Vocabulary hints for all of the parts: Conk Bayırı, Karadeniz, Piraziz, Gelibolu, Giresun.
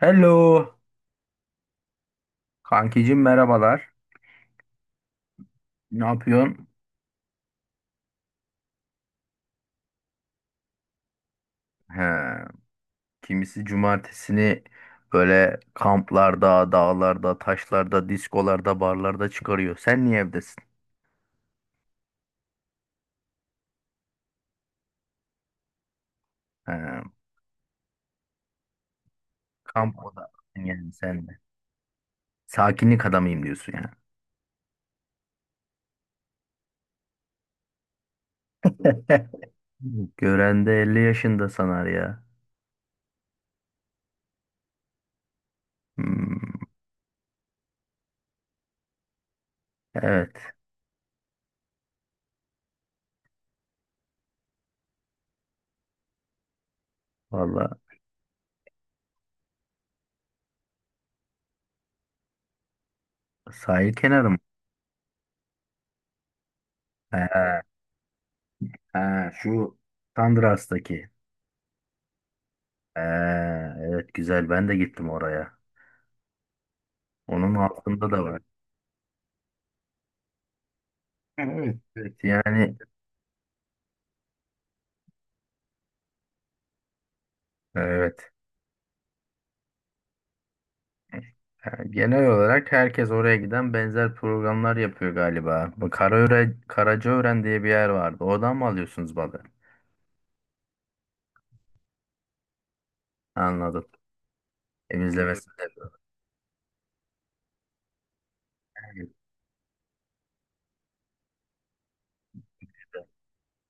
Hello. Kankicim merhabalar. Ne yapıyorsun? He, kimisi cumartesini böyle kamplarda, dağlarda, taşlarda, diskolarda, barlarda çıkarıyor. Sen niye evdesin? He, kamp oda yani sen de. Sakinlik adamıyım diyorsun ya. Gören de 50 yaşında sanar ya. Hmm, evet. Valla sahil kenarı mı? He, he, şu Sandras'taki. He, evet güzel ben de gittim oraya. Onun altında da var. Yani evet. Evet, yani evet. Yani genel olarak herkes oraya giden benzer programlar yapıyor galiba. Bu Karaöre, Karacaören diye bir yer vardı. Oradan mı alıyorsunuz balı? Anladım. Temizlemesi de. Evet.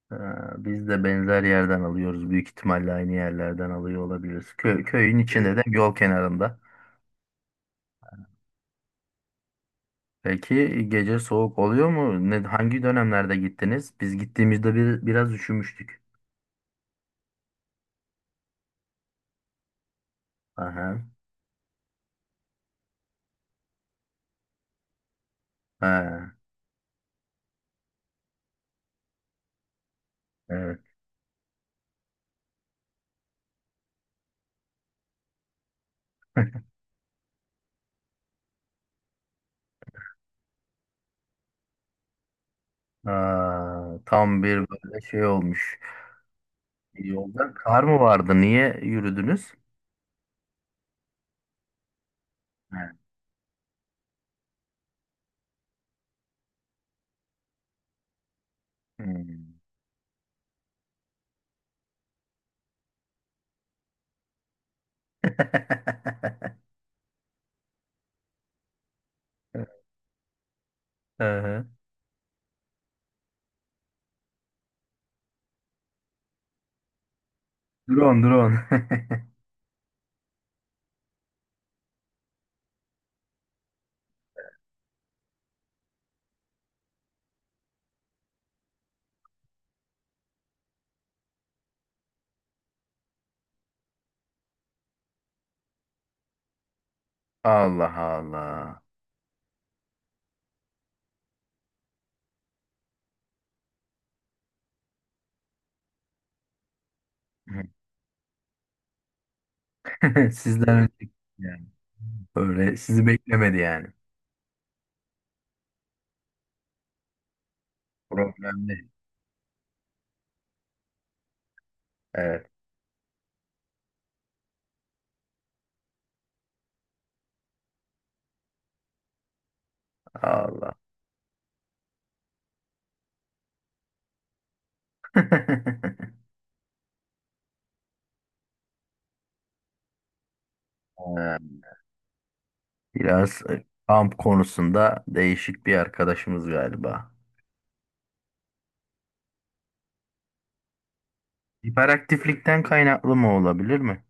Ha, biz de benzer yerden alıyoruz. Büyük ihtimalle aynı yerlerden alıyor olabiliriz. Kö- köyün içinde de yol kenarında. Peki gece soğuk oluyor mu? Ne, hangi dönemlerde gittiniz? Biz gittiğimizde biraz üşümüştük. Aha. Ha, evet. Ha, tam bir böyle şey olmuş. Yolda kar mı vardı? Niye yürüdünüz? Ha, hmm. Aha. Drone, drone. Allah Allah. Sizden önce yani. Böyle sizi beklemedi yani. Problemli. Evet. Allah. Ha, biraz kamp konusunda değişik bir arkadaşımız galiba. Hiperaktiflikten kaynaklı mı olabilir mi?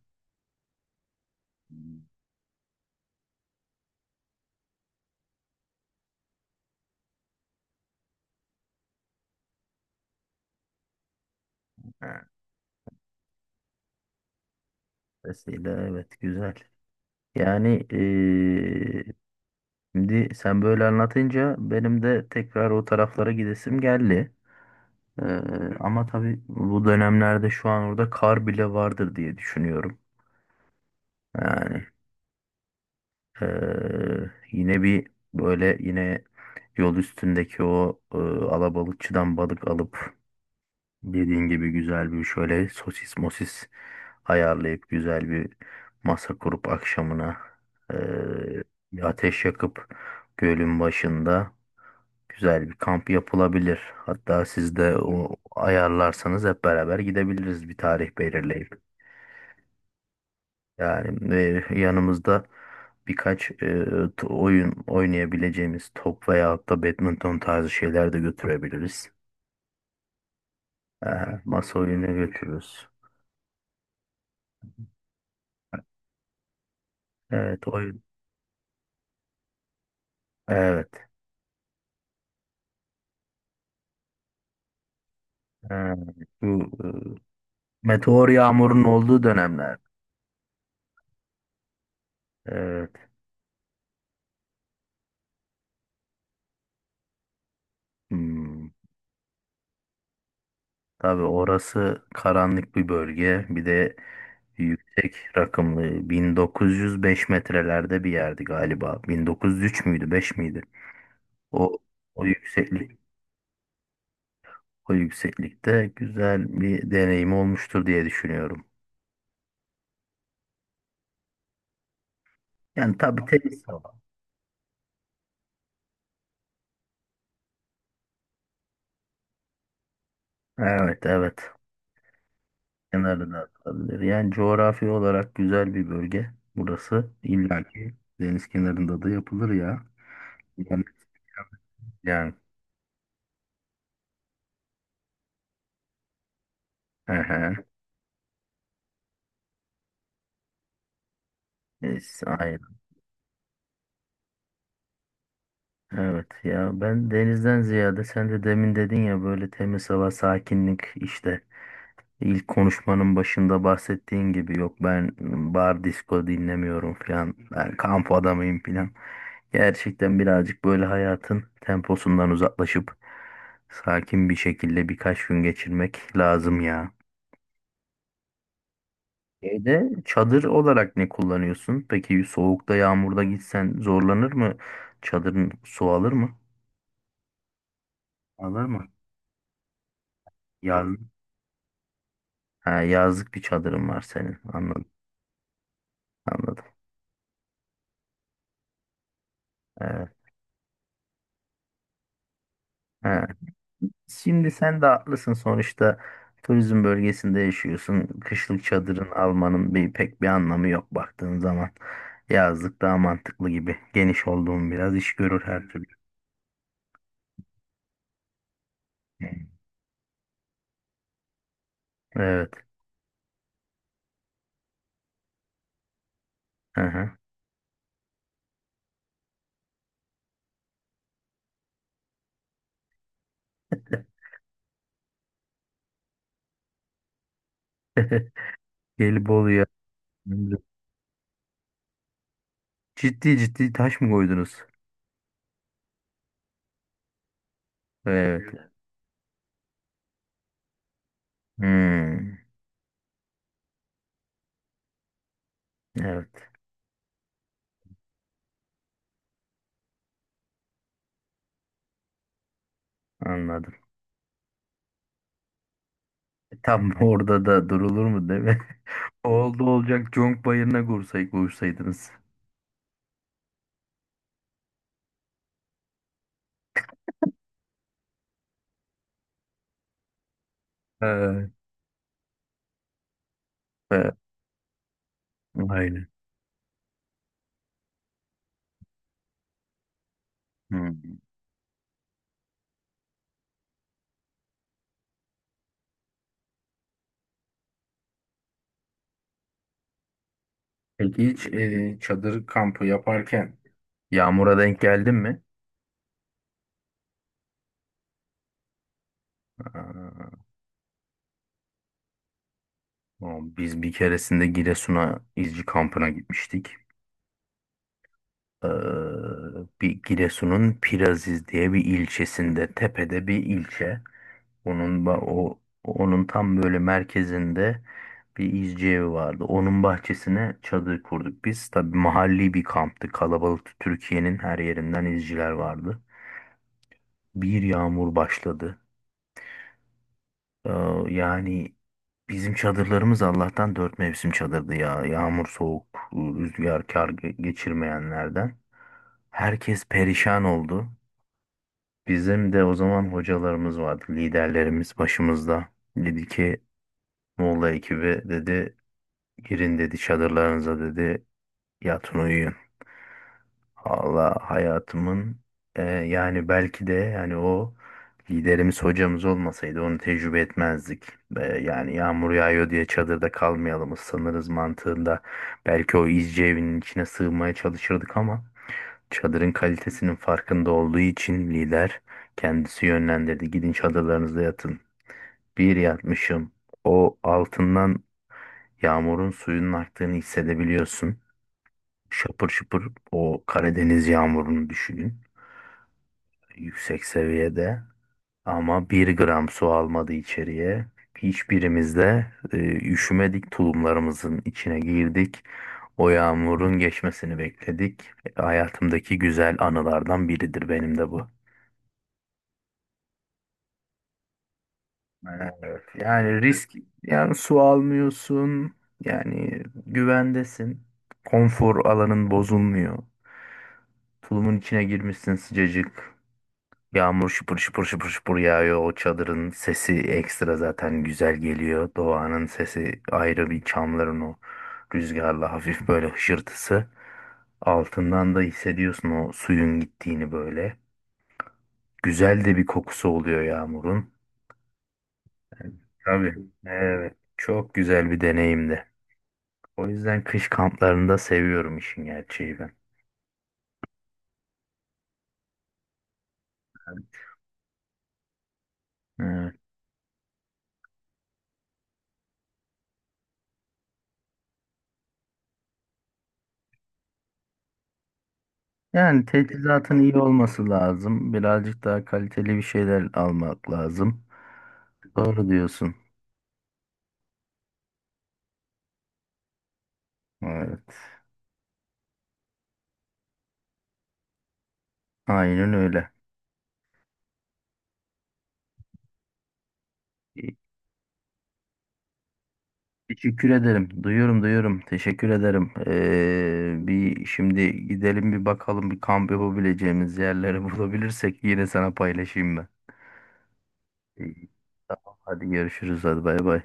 Vesile evet güzel. Yani şimdi sen böyle anlatınca benim de tekrar o taraflara gidesim geldi. Ama tabii bu dönemlerde şu an orada kar bile vardır diye düşünüyorum. Yani yine bir böyle yine yol üstündeki o alabalıkçıdan balık alıp dediğin gibi güzel bir şöyle sosis mosis ayarlayıp güzel bir masa kurup akşamına eee, bir ateş yakıp gölün başında güzel bir kamp yapılabilir. Hatta siz de o ayarlarsanız hep beraber gidebiliriz bir tarih belirleyip. Yani yanımızda birkaç oyun oynayabileceğimiz top veyahut da badminton tarzı şeyler de götürebiliriz. Ee, masa oyunu götürürüz. Evet oyun. Evet. Ha, bu meteor yağmurun olduğu dönemler. Evet. Hmm. Tabii orası karanlık bir bölge. Bir de yüksek rakımlı 1905 metrelerde bir yerdi galiba. 1903 müydü, 5 miydi? O o yükseklik o yükseklikte güzel bir deneyim olmuştur diye düşünüyorum. Yani tabii temiz hava. Evet, evet. Kenarına atılabilir. Yani coğrafi olarak güzel bir bölge burası. İlla ki deniz kenarında da yapılır ya. Yani, yani. Hı hı. Neyse, aynen. Evet ya ben denizden ziyade sen de demin dedin ya böyle temiz hava, sakinlik işte. İlk konuşmanın başında bahsettiğin gibi yok ben bar disco dinlemiyorum falan. Ben kamp adamıyım falan. Gerçekten birazcık böyle hayatın temposundan uzaklaşıp sakin bir şekilde birkaç gün geçirmek lazım ya. Evde çadır olarak ne kullanıyorsun? Peki soğukta yağmurda gitsen zorlanır mı? Çadırın su alır mı? Alır mı? Yaz. Ha, yazlık bir çadırın var senin. Anladım. Anladım. Evet. Şimdi sen de haklısın sonuçta turizm bölgesinde yaşıyorsun. Kışlık çadırın almanın pek bir anlamı yok baktığın zaman. Yazlık daha mantıklı gibi. Geniş olduğun biraz iş görür her türlü. Hı. Evet. Hı hı. Gelibolu'ya ciddi ciddi taş mı koydunuz? Evet. Hmm. Evet. Anladım. Tam orada da durulur mu değil mi? Oldu olacak Conk Bayırı'na kursaydınız. Evet. Evet. Aynen. Hı. Peki hiç çadır kampı yaparken yağmura denk geldin mi? Aa, o, biz bir keresinde Giresun'a izci kampına gitmiştik. Ee, bir Giresun'un Piraziz diye bir ilçesinde, tepede bir ilçe. O onun tam böyle merkezinde bir izci evi vardı. Onun bahçesine çadır kurduk biz. Tabii mahalli bir kamptı. Kalabalıktı. Türkiye'nin her yerinden izciler vardı. Bir yağmur başladı. Ee, yani bizim çadırlarımız Allah'tan dört mevsim çadırdı ya. Yağmur, soğuk, rüzgar, kar geçirmeyenlerden. Herkes perişan oldu. Bizim de o zaman hocalarımız vardı, liderlerimiz başımızda. Dedi ki Moğol ekibi dedi girin dedi çadırlarınıza dedi yatın uyuyun. Valla hayatımın yani belki de yani o liderimiz hocamız olmasaydı onu tecrübe etmezdik. Yani yağmur yağıyor diye çadırda kalmayalım ıslanırız mantığında. Belki o izci evinin içine sığmaya çalışırdık ama çadırın kalitesinin farkında olduğu için lider kendisi yönlendirdi. Gidin çadırlarınızda yatın. Bir yatmışım. O altından yağmurun suyunun aktığını hissedebiliyorsun. Şapır şıpır o Karadeniz yağmurunu düşünün. Yüksek seviyede ama bir gram su almadı içeriye. Hiçbirimiz de e, üşümedik, tulumlarımızın içine girdik. O yağmurun geçmesini bekledik. Hayatımdaki güzel anılardan biridir benim de bu. Evet. Yani risk, yani su almıyorsun, yani güvendesin. Konfor alanın bozulmuyor. Tulumun içine girmişsin sıcacık. Yağmur şıpır şıpır şıpır şıpır yağıyor. O çadırın sesi ekstra zaten güzel geliyor. Doğanın sesi ayrı bir çamların o rüzgarlı hafif böyle hışırtısı. Altından da hissediyorsun o suyun gittiğini böyle. Güzel de bir kokusu oluyor yağmurun. Tabii. Evet. Çok güzel bir deneyimdi. O yüzden kış kamplarında seviyorum işin gerçeği ben. Evet. Yani teçhizatın iyi olması lazım. Birazcık daha kaliteli bir şeyler almak lazım. Doğru diyorsun. Evet. Aynen öyle. E, Teşekkür ederim. Duyuyorum, duyuyorum. Teşekkür ederim. Bir şimdi gidelim bir bakalım bir kamp yapabileceğimiz yerleri bulabilirsek yine sana paylaşayım ben. İyi. Tamam, hadi görüşürüz. Hadi bay bay.